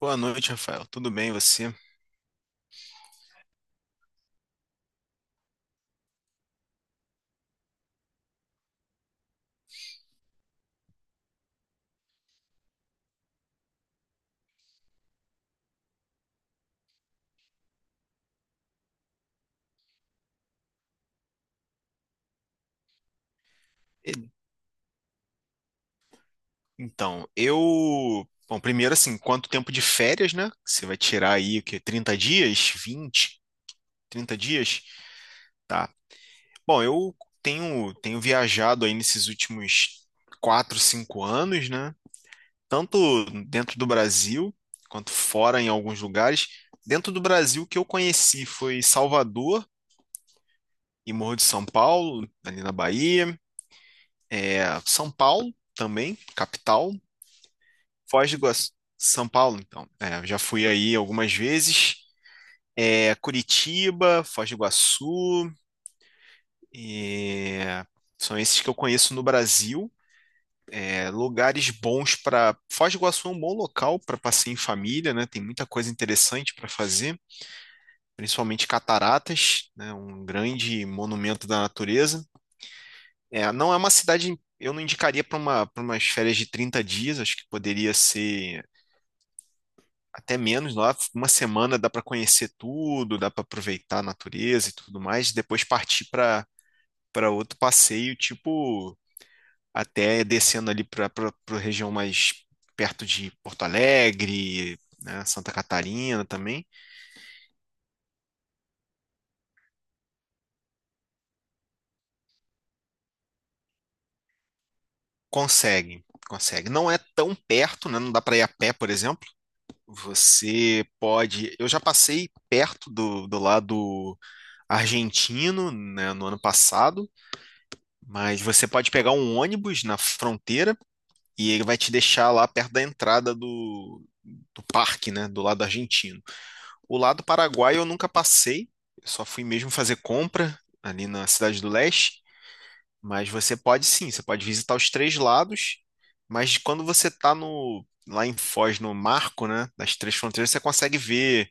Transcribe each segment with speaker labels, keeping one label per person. Speaker 1: Boa noite, Rafael. Tudo bem, você? E- Então, eu. Bom, primeiro, assim, quanto tempo de férias, né? Você vai tirar aí o quê? 30 dias? Vinte, 30 dias? Tá. Bom, eu tenho viajado aí nesses últimos 4, 5 anos, né? Tanto dentro do Brasil, quanto fora em alguns lugares. Dentro do Brasil, o que eu conheci foi Salvador e Morro de São Paulo, ali na Bahia. São Paulo também, capital. Foz do Iguaçu, São Paulo, então. Já fui aí algumas vezes. Curitiba, Foz do Iguaçu, é, são esses que eu conheço no Brasil. Lugares bons para. Foz do Iguaçu é um bom local para passeio em família, né? Tem muita coisa interessante para fazer, principalmente cataratas, né? Um grande monumento da natureza. É, não é uma cidade. Eu não indicaria para uma, para umas férias de 30 dias, acho que poderia ser até menos, lá, uma semana dá para conhecer tudo, dá para aproveitar a natureza e tudo mais, depois partir para outro passeio, tipo, até descendo ali para região mais perto de Porto Alegre, né, Santa Catarina também. Consegue, consegue. Não é tão perto, né? Não dá para ir a pé, por exemplo. Você pode. Eu já passei perto do lado argentino, né, no ano passado, mas você pode pegar um ônibus na fronteira e ele vai te deixar lá perto da entrada do parque, né, do lado argentino. O lado paraguaio eu nunca passei, eu só fui mesmo fazer compra ali na Cidade do Leste, mas você pode sim, você pode visitar os três lados, mas quando você está no lá em Foz, no marco, né, das três fronteiras, você consegue ver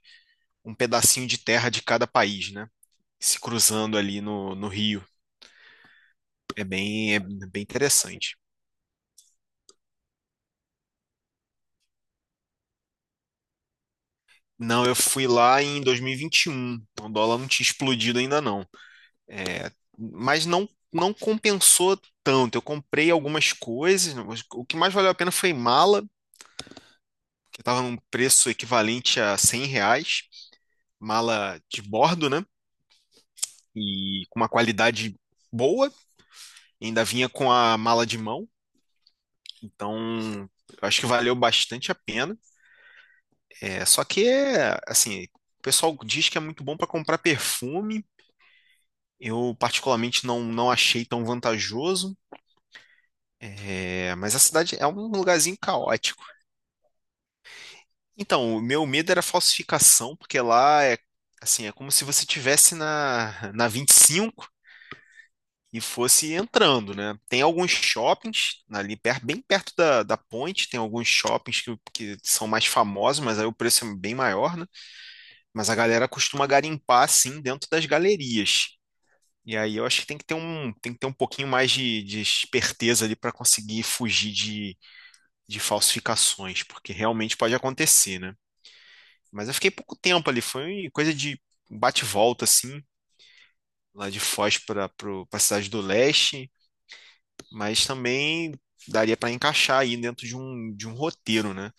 Speaker 1: um pedacinho de terra de cada país, né, se cruzando ali no rio. É bem interessante. Não, eu fui lá em 2021, então o dólar não tinha explodido ainda não. É, mas não, não compensou tanto. Eu comprei algumas coisas. O que mais valeu a pena foi mala, que estava num preço equivalente a R$ 100. Mala de bordo, né? E com uma qualidade boa. Ainda vinha com a mala de mão. Então, eu acho que valeu bastante a pena. É, só que, assim, o pessoal diz que é muito bom para comprar perfume. Eu, particularmente, não, não achei tão vantajoso. Mas a cidade é um lugarzinho caótico. Então, o meu medo era falsificação, porque lá é assim, é como se você tivesse na 25 e cinco e fosse entrando, né? Tem alguns shoppings ali perto, bem perto da ponte, tem alguns shoppings que são mais famosos, mas aí o preço é bem maior, né? Mas a galera costuma garimpar assim dentro das galerias. E aí eu acho que tem que ter um pouquinho mais de esperteza ali para conseguir fugir de falsificações, porque realmente pode acontecer, né? Mas eu fiquei pouco tempo ali, foi coisa de bate volta, assim, lá de Foz para a cidade do leste, mas também daria para encaixar aí dentro de um roteiro, né?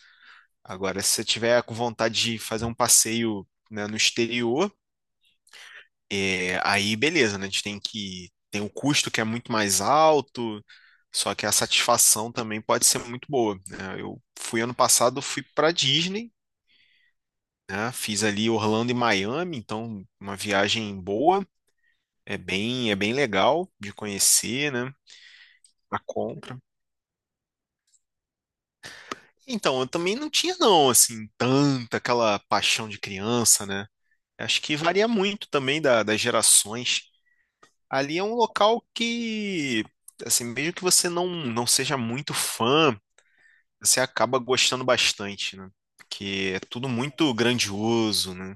Speaker 1: Agora, se você tiver com vontade de fazer um passeio, né, no exterior, aí beleza, né? A gente tem que. Tem o custo que é muito mais alto, só que a satisfação também pode ser muito boa, né? Eu fui ano passado, fui para Disney, né? Fiz ali Orlando e Miami, então uma viagem boa. É bem legal de conhecer, né? A compra. Então, eu também não tinha, não, assim, tanta aquela paixão de criança, né? Acho que varia muito também das gerações. Ali é um local que, assim, mesmo que você não, não seja muito fã, você acaba gostando bastante, né? Porque é tudo muito grandioso, né?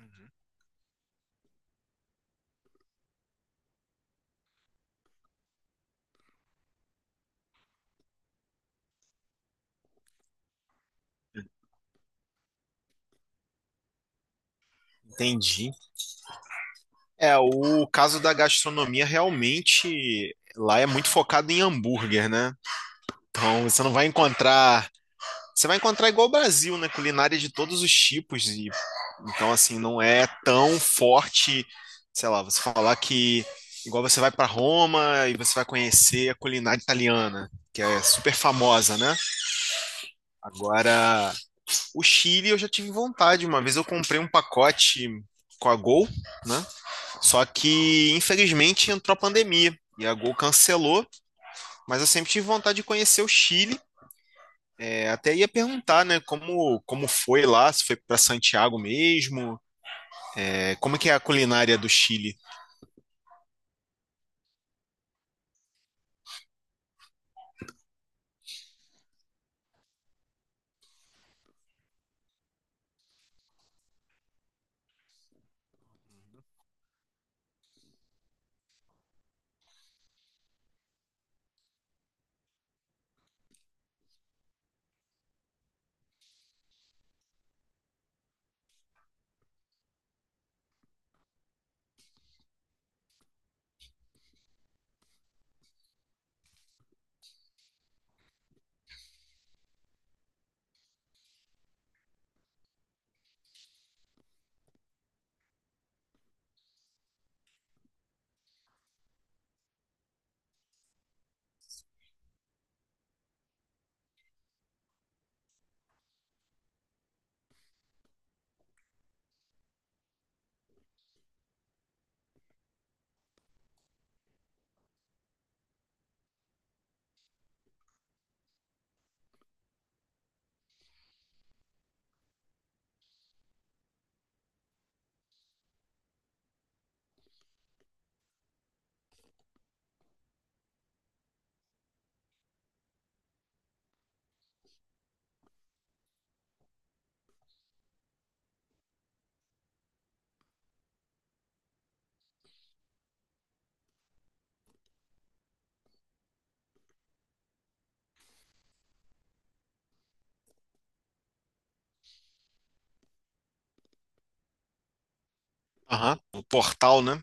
Speaker 1: Uhum. Entendi. É, o caso da gastronomia realmente lá é muito focado em hambúrguer, né? Então, você não vai encontrar. Você vai encontrar igual o Brasil, né? Culinária de todos os tipos. E, então, assim, não é tão forte, sei lá, você falar que. Igual você vai para Roma e você vai conhecer a culinária italiana, que é super famosa, né? Agora, o Chile eu já tive vontade. Uma vez eu comprei um pacote com a Gol, né? Só que, infelizmente, entrou a pandemia e a Gol cancelou, mas eu sempre tive vontade de conhecer o Chile. Até ia perguntar, né, como, como foi lá, se foi para Santiago mesmo, como que é a culinária do Chile? Aham, o portal, né?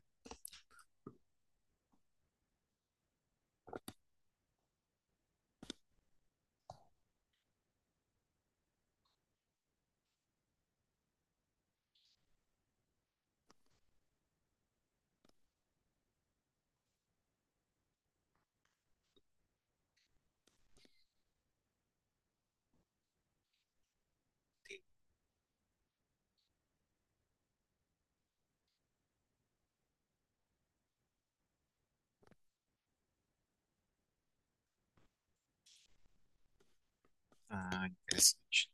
Speaker 1: Ah, interessante.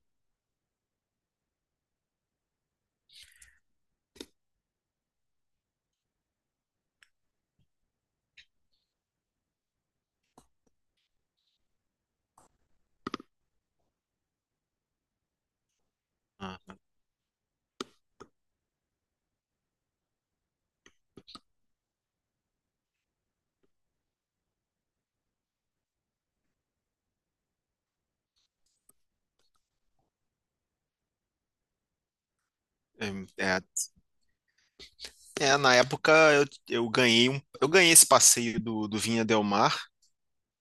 Speaker 1: Ah, é, é- Na época eu ganhei um, eu ganhei esse passeio do Vinha Del Mar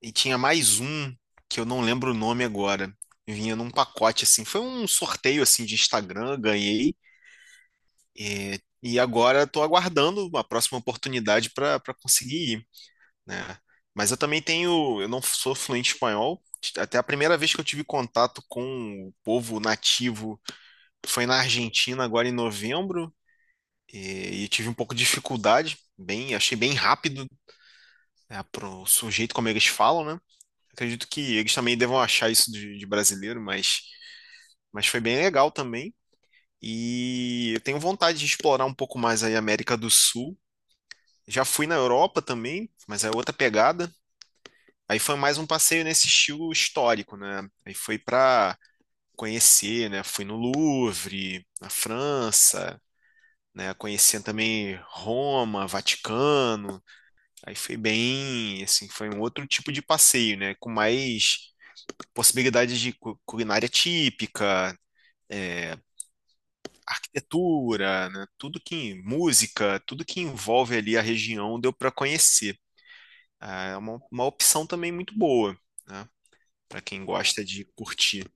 Speaker 1: e tinha mais um que eu não lembro o nome agora. Vinha num pacote assim, foi um sorteio assim de Instagram, ganhei e agora estou aguardando a próxima oportunidade para conseguir ir. Né? Mas eu também tenho, eu não sou fluente em espanhol. Até a primeira vez que eu tive contato com o povo nativo foi na Argentina, agora em novembro, e tive um pouco de dificuldade, bem, achei bem rápido, né, pro sujeito como eles falam, né? Acredito que eles também devam achar isso de brasileiro, mas foi bem legal também. E eu tenho vontade de explorar um pouco mais aí a América do Sul. Já fui na Europa também, mas é outra pegada. Aí foi mais um passeio nesse estilo histórico, né? Aí foi para conhecer, né? Fui no Louvre, na França, né? Conhecendo também Roma, Vaticano. Aí foi bem, assim, foi um outro tipo de passeio, né? Com mais possibilidades de culinária típica, é, arquitetura, né? Tudo que música, tudo que envolve ali a região deu para conhecer. Ah, é uma opção também muito boa, né? Para quem gosta de curtir.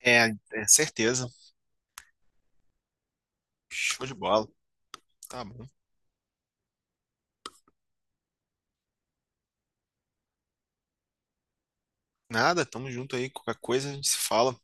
Speaker 1: Certeza. Show de bola. Tá bom. Nada, tamo junto aí. Qualquer coisa a gente se fala.